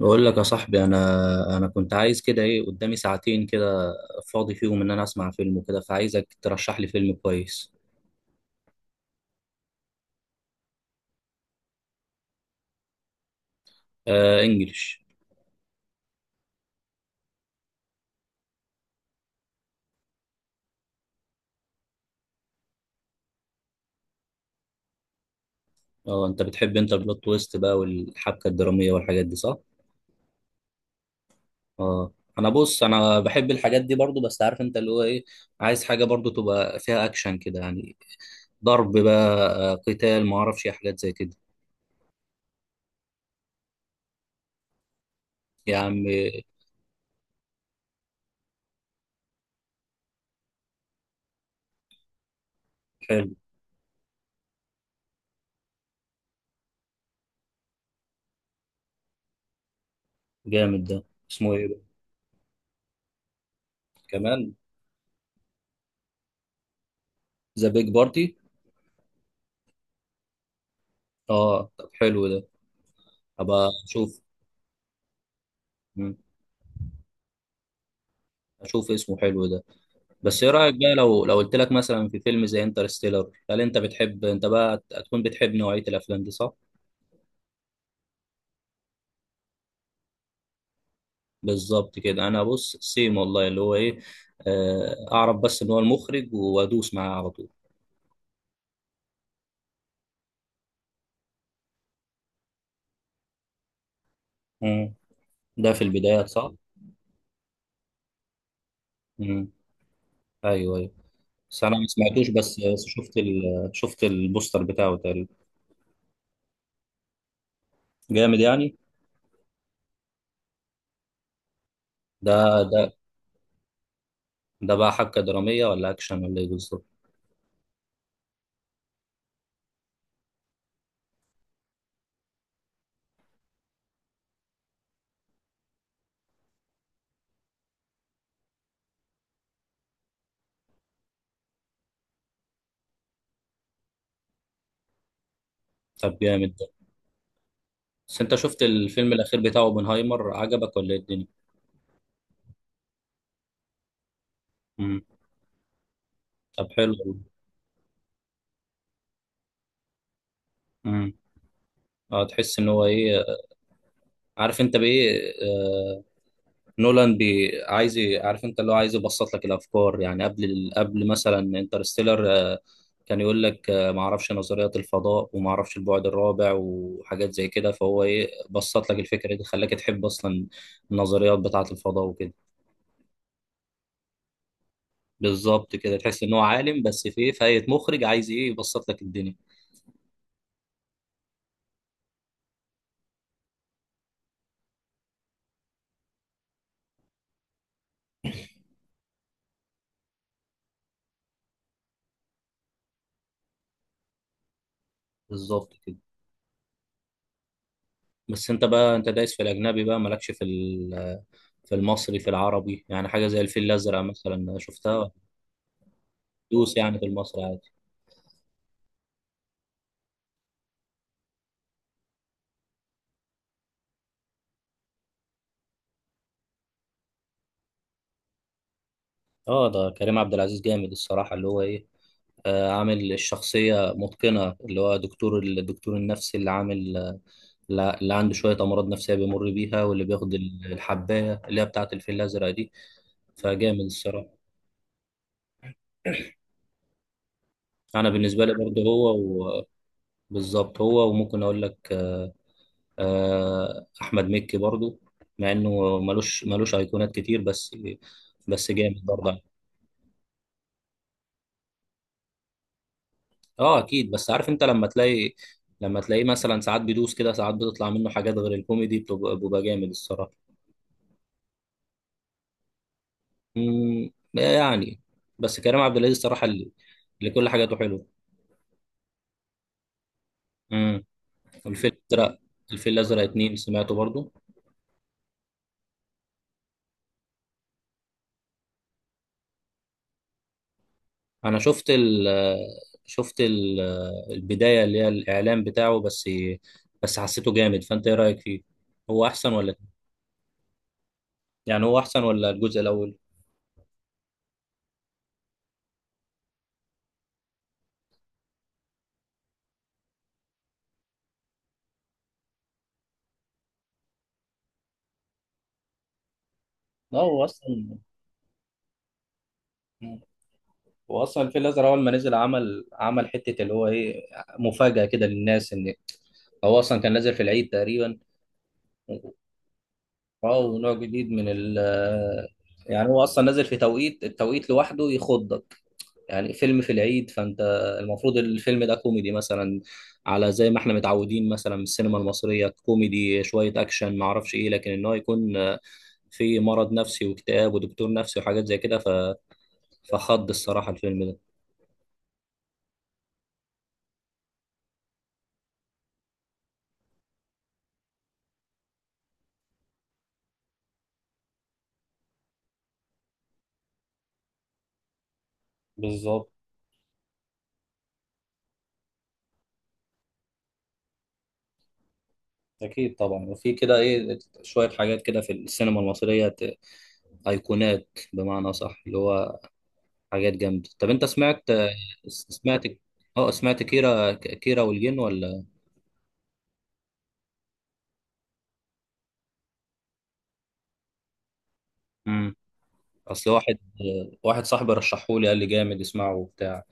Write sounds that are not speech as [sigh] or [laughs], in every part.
بقول لك يا صاحبي، انا كنت عايز كده ايه، قدامي ساعتين كده فاضي فيهم ان انا اسمع فيلم وكده، فعايزك ترشح لي فيلم كويس. آه، انجلش. اه، انت بتحب انت البلوت تويست بقى والحبكه الدراميه والحاجات دي صح؟ اه، انا بص انا بحب الحاجات دي برضو، بس عارف انت اللي هو ايه، عايز حاجه برضو تبقى فيها اكشن كده يعني. ضرب بقى، قتال، ما اعرفش إيه، حاجات زي كده. يا عم. حلو. جامد ده. اسمه ايه بقى؟ كمان. ذا بيج بارتي. اه، طب حلو ده. ابقى اشوف اسمه حلو ده. بس ايه رايك بقى لو قلت لك مثلا في فيلم زي انترستيلر، هل انت بتحب، انت بقى هتكون بتحب نوعيه الافلام دي صح؟ بالظبط كده. انا بص سيم والله اللي هو ايه. اعرف بس ان هو المخرج وادوس معاه على طول. مم. ده في البدايات صح. مم. ايوه، ايوه. بس انا ما سمعتوش، بس شفت البوستر بتاعه تقريبا. جامد يعني. ده ده ده بقى حبكه دراميه ولا اكشن ولا ايه بالظبط؟ طب جامد ده. بس انت شفت الفيلم الاخير بتاعه اوبنهايمر؟ عجبك ولا ايه الدنيا؟ مم. طب حلو والله. مم. اه، تحس ان هو ايه، عارف انت بايه. نولان عايز عارف انت اللي هو عايز يبسط لك الافكار، يعني قبل مثلا انترستيلر كان يقول لك ما اعرفش نظريات الفضاء، وما اعرفش البعد الرابع وحاجات زي كده، فهو ايه، بسط لك الفكره دي، خلاك تحب اصلا النظريات بتاعه الفضاء وكده. بالظبط كده. تحس ان هو عالم، بس في ايه، فاية مخرج عايز ايه، يبسط لك الدنيا. بالظبط كده. بس انت بقى انت دايس في الاجنبي بقى، مالكش في المصري، في العربي. يعني حاجه زي الفيل الازرق مثلا شفتها؟ دوس يعني في المصري عادي. اه، ده كريم عبد العزيز جامد الصراحه اللي هو ايه. عامل الشخصيه متقنه، اللي هو الدكتور النفسي اللي عامل، اللي عنده شويه امراض نفسيه بيمر بيها، واللي بياخد الحبايه اللي هي بتاعه الفيل الازرق دي، فجامد الصراحه. انا بالنسبه لي برضه بالظبط، هو وممكن اقول لك احمد مكي برضو، مع انه ملوش ايقونات كتير، بس جامد برضه. اه اكيد، بس عارف انت لما تلاقي، لما تلاقيه مثلا ساعات بيدوس كده، ساعات بتطلع منه حاجات غير الكوميدي، بتبقى بيبقى جامد الصراحه. يعني، بس كريم عبد العزيز الصراحه اللي كل حاجاته حلوه. امم الفيل الازرق، الفيل الازرق اتنين سمعته برضو. انا شفت البدايه اللي هي الاعلان بتاعه بس، بس حسيته جامد، فانت ايه رايك فيه؟ هو احسن ولا، يعني هو احسن ولا الجزء الاول؟ لا، هو اصلا الفيل الازرق اول ما نزل، عمل حته اللي هو ايه، مفاجاه كده للناس، ان هو اصلا كان نازل في العيد تقريبا. اه، ونوع جديد من يعني، هو اصلا نازل في التوقيت لوحده يخضك. يعني فيلم في العيد، فانت المفروض الفيلم ده كوميدي مثلا، على زي ما احنا متعودين مثلا من السينما المصرية، كوميدي، شوية اكشن، ما اعرفش ايه، لكن ان هو يكون في مرض نفسي، واكتئاب، ودكتور نفسي، وحاجات زي كده. فخض الصراحة الفيلم ده. بالظبط. أكيد طبعا، وفي كده إيه، شوية حاجات كده في السينما المصرية أيقونات بمعنى صح، اللي هو حاجات جامدة. طب أنت سمعت سمعت كيرة والجن ولا؟ مم. اصل واحد صاحبي رشحهولي، قال لي جامد اسمعه وبتاع.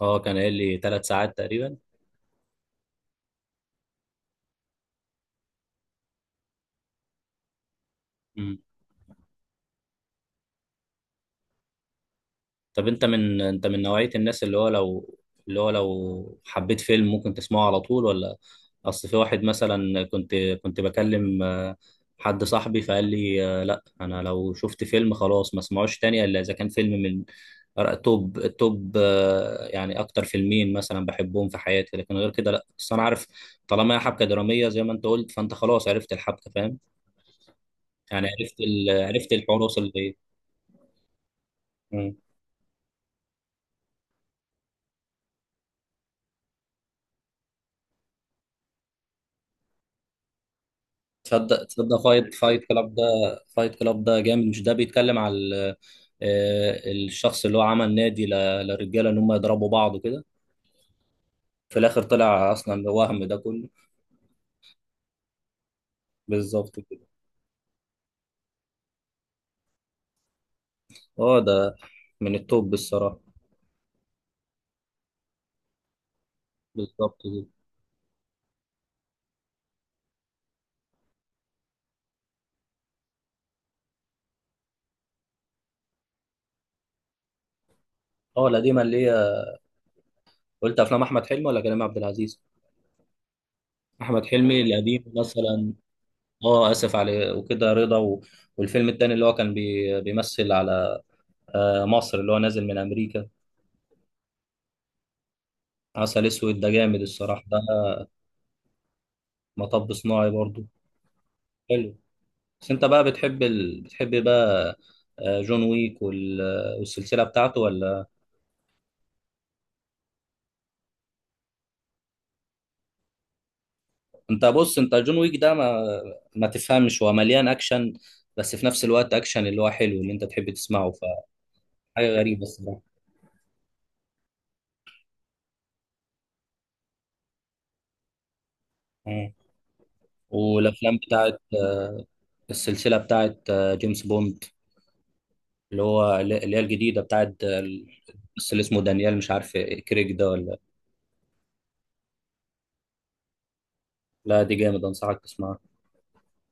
اه، كان قايل لي ثلاث ساعات تقريبا. طب انت من، انت من نوعية الناس اللي هو لو، اللي هو لو حبيت فيلم ممكن تسمعه على طول ولا؟ اصل في واحد مثلا، كنت بكلم حد صاحبي، فقال لي لا انا لو شفت فيلم خلاص ما اسمعوش تاني، الا اذا كان فيلم من توب توب يعني اكتر فيلمين مثلا بحبهم في حياتي، لكن غير كده لا. بس انا عارف طالما هي حبكة درامية زي ما انت قلت، فانت خلاص عرفت الحبكة فاهم. يعني عرفت عرفت الحراس اللي. تصدق فايت كلاب ده، فايت كلاب ده جامد. مش ده بيتكلم على الشخص اللي هو عمل نادي للرجاله ان هم يضربوا بعض كده، في الاخر طلع اصلا وهم ده كله. بالظبط كده. اه، ده من التوب الصراحه. بالظبط كده. اه القديمه اللي هي، قلت افلام احمد حلمي ولا كريم عبد العزيز؟ احمد حلمي القديم مثلا. اه، اسف على وكده رضا والفيلم التاني اللي هو كان بيمثل على مصر، اللي هو نازل من امريكا. عسل اسود ده جامد الصراحه ده. مطب صناعي برضو. حلو. بس انت بقى بتحب بقى جون ويك والسلسله بتاعته ولا؟ انت بص، انت جون ويك ده ما تفهمش، هو مليان اكشن، بس في نفس الوقت اكشن اللي هو حلو، اللي انت تحب تسمعه، فحاجه غريبه الصراحه. مم. والافلام بتاعت السلسله بتاعت جيمس بوند، اللي هي الجديده بتاعت بس اللي اسمه دانيال، مش عارف، كريك ده ولا؟ لا دي جامد، انصحك تسمعها.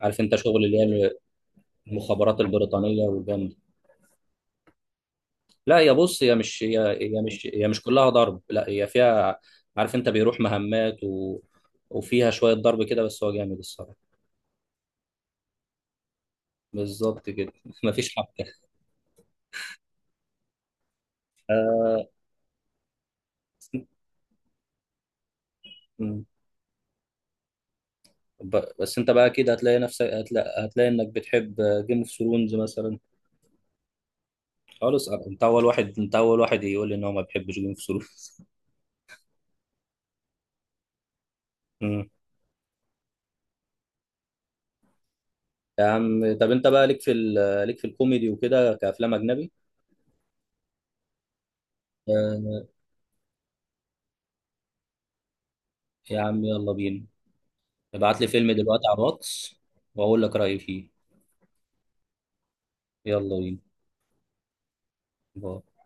عارف انت شغل اللي هي المخابرات البريطانيه والجامد. لا يا بص، هي مش كلها ضرب. لا هي فيها، عارف انت، بيروح مهمات وفيها شوية ضرب كده، بس هو جامد الصراحة. بالظبط كده. [laughs] مفيش حبكة. آه. مم. بس انت بقى كده هتلاقي نفسك، هتلاقي انك بتحب جيم اوف ثرونز مثلا؟ خالص، انت اول واحد يقول لي ان هو ما بيحبش جيم اوف ثرونز. [laughs] يا عم طب انت بقى ليك ليك في الكوميدي وكده كافلام اجنبي. آه. يا عم يلا بينا، ابعت لي فيلم دلوقتي على الواتس، واقول لك رأيي فيه. يلا بينا. باي.